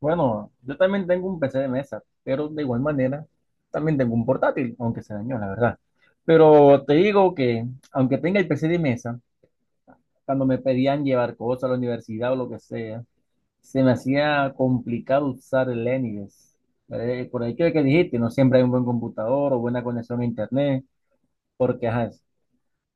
Bueno, yo también tengo un PC de mesa, pero de igual manera también tengo un portátil, aunque se dañó, la verdad. Pero te digo que, aunque tenga el PC de mesa, cuando me pedían llevar cosas a la universidad o lo que sea, se me hacía complicado usar el Linux. Por ahí que dijiste, no siempre hay un buen computador o buena conexión a internet, porque ajá,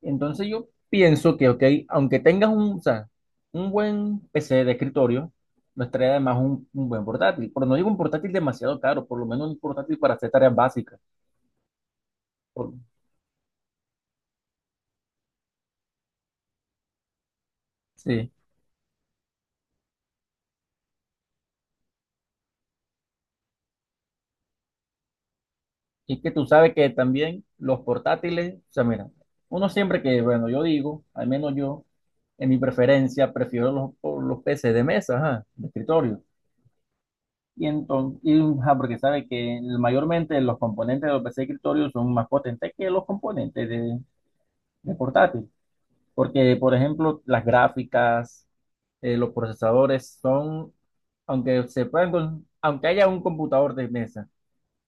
entonces yo pienso que, ok, aunque tengas o sea, un buen PC de escritorio, no estaría además un buen portátil. Pero no digo un portátil demasiado caro, por lo menos un portátil para hacer tareas básicas. Por- sí. Y es que tú sabes que también los portátiles, o sea, mira, uno siempre que, bueno, yo digo, al menos yo, en mi preferencia, prefiero por los PC de mesa, ajá, de escritorio. Y entonces, porque sabe que mayormente los componentes de los PC de escritorio son más potentes que los componentes de portátil. Porque, por ejemplo, las gráficas, los procesadores son, aunque se puedan con- aunque haya un computador de mesa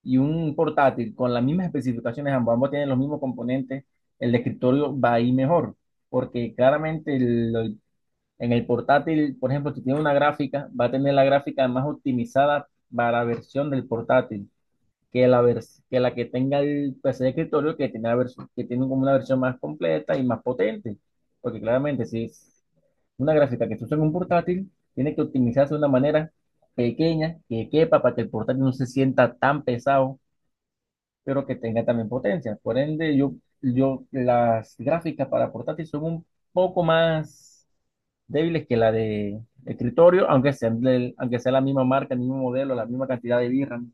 y un portátil con las mismas especificaciones, ambos tienen los mismos componentes, el de escritorio va a ir mejor, porque claramente en el portátil, por ejemplo, si tiene una gráfica, va a tener la gráfica más optimizada para la versión del portátil que la que tenga el PC de escritorio, que tiene, que tiene como una versión más completa y más potente. Porque claramente, si es una gráfica que se usa en un portátil, tiene que optimizarse de una manera pequeña, que quepa para que el portátil no se sienta tan pesado, pero que tenga también potencia. Por ende, yo las gráficas para portátil son un poco más débiles que la de escritorio, aunque sea la misma marca, el mismo modelo, la misma cantidad de VRAM.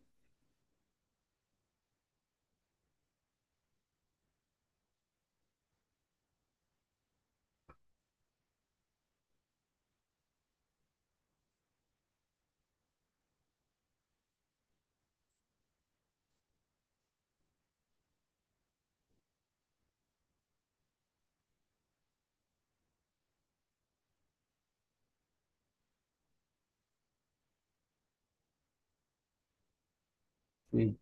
Sí.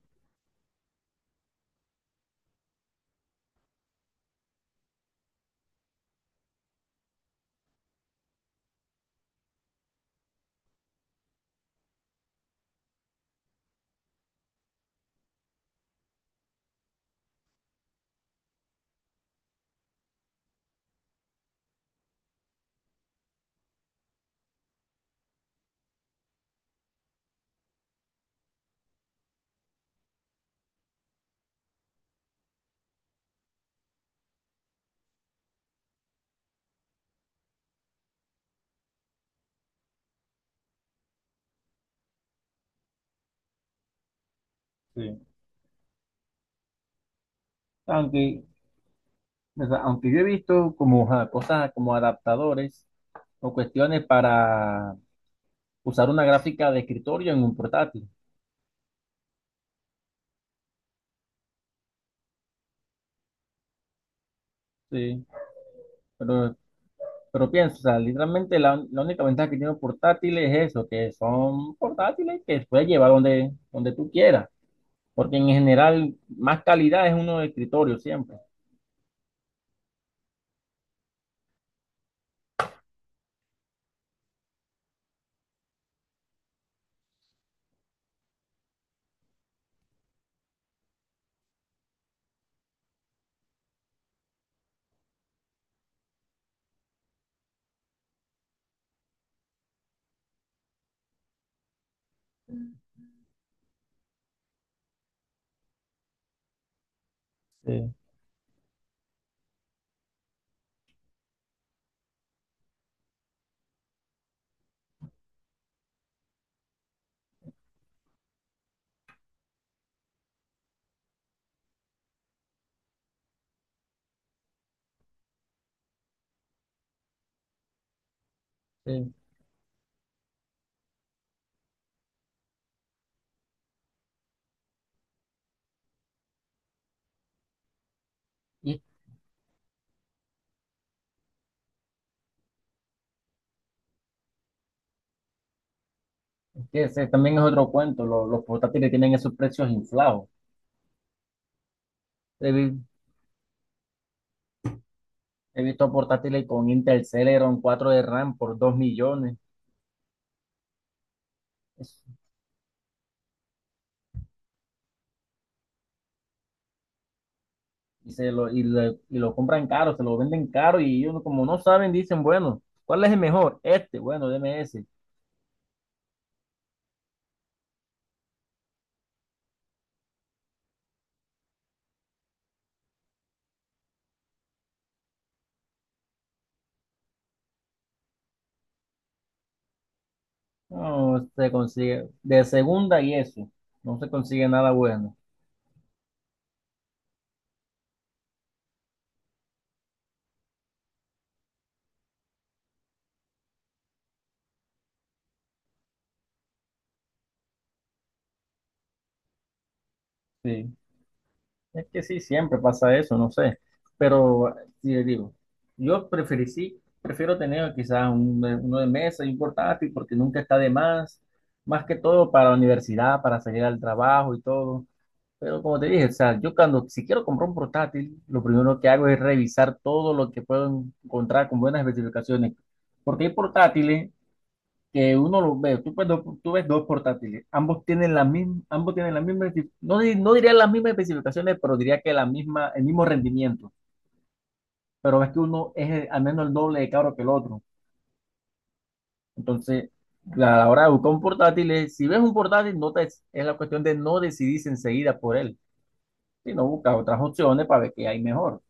Sí. Aunque O sea, aunque yo he visto como ajá, cosas como adaptadores o cuestiones para usar una gráfica de escritorio en un portátil, sí, pero, pero pienso, o sea, literalmente la única ventaja que tiene un portátil es eso, que son portátiles que puedes llevar donde tú quieras, porque en general más calidad es uno de escritorio siempre. Sí, sí. Y que ese también es otro cuento, los portátiles tienen esos precios inflados. He, vi- He visto portátiles con Intel Celeron 4 de RAM por 2 millones. Es- y lo compran caro, se lo venden caro y ellos como no saben, dicen, bueno, ¿cuál es el mejor? Este, bueno, deme ese. No se consigue de segunda y eso. No se consigue nada bueno. Sí. Es que sí, siempre pasa eso, no sé. Pero sí le digo, sí, prefiero tener quizás uno de mesa y un portátil porque nunca está de más. Más que todo para la universidad, para salir al trabajo y todo. Pero como te dije, o sea, yo cuando si quiero comprar un portátil, lo primero que hago es revisar todo lo que puedo encontrar con buenas especificaciones. Porque hay portátiles que uno los ve, tú ves dos portátiles, ambos tienen la misma, no diría las mismas especificaciones, pero diría que la misma, el mismo rendimiento. Pero ves que uno es al menos el doble de caro que el otro. Entonces, a la hora de buscar un portátil, si ves un portátil, no te, es la cuestión de no decidirse enseguida por él, sino buscar otras opciones para ver qué hay mejor.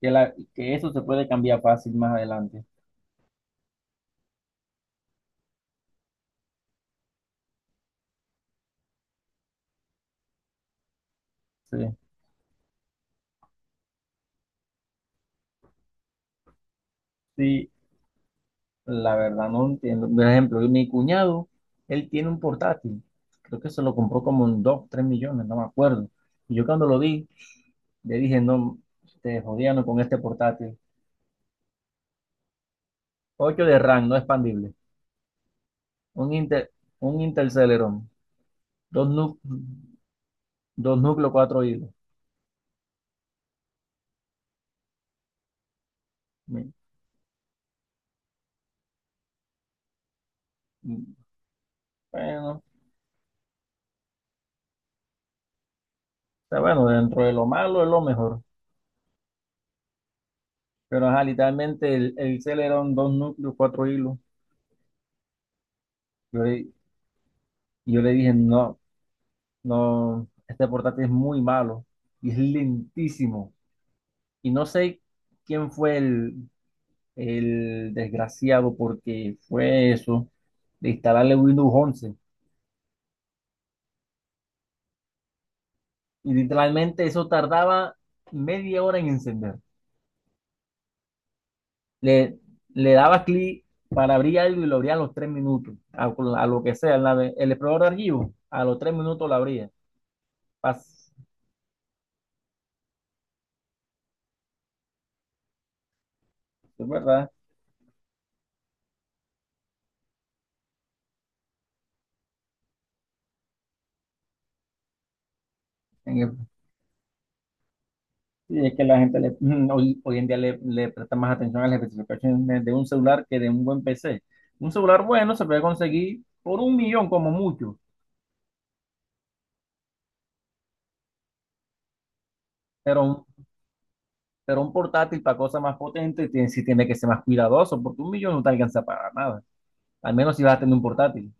Que eso se puede cambiar fácil más adelante. Sí, sí, la verdad no entiendo. Por ejemplo, mi cuñado, él tiene un portátil. Creo que se lo compró como en 2 3 millones, no me acuerdo. Y yo cuando lo vi, le dije, no, te jodían con este portátil. 8 de RAM, no expandible. Un Intel, un Intel Celeron. Dos, nu- 2 núcleos, 4 hilos. Mi- Bueno, está bueno, dentro de lo malo es lo mejor. Pero ajá, literalmente el Celeron, 2 núcleos, 4 hilos. Yo, Y yo le dije, no, no, este portátil es muy malo y es lentísimo. Y no sé quién fue el desgraciado porque fue eso, de instalarle Windows 11. Y literalmente eso tardaba media hora en encender. Le, le daba clic para abrir algo y lo abría a los 3 minutos, a lo que sea, el explorador de archivos, a los 3 minutos lo abría. Pas- Es verdad. En el- Sí, es que la gente hoy en día le presta más atención a las especificaciones de un celular que de un buen PC. Un celular bueno se puede conseguir por un millón como mucho, pero un, pero un portátil para cosas más potentes tiene, sí tiene que ser más cuidadoso, porque un millón no te alcanza para nada, al menos si vas a tener un portátil.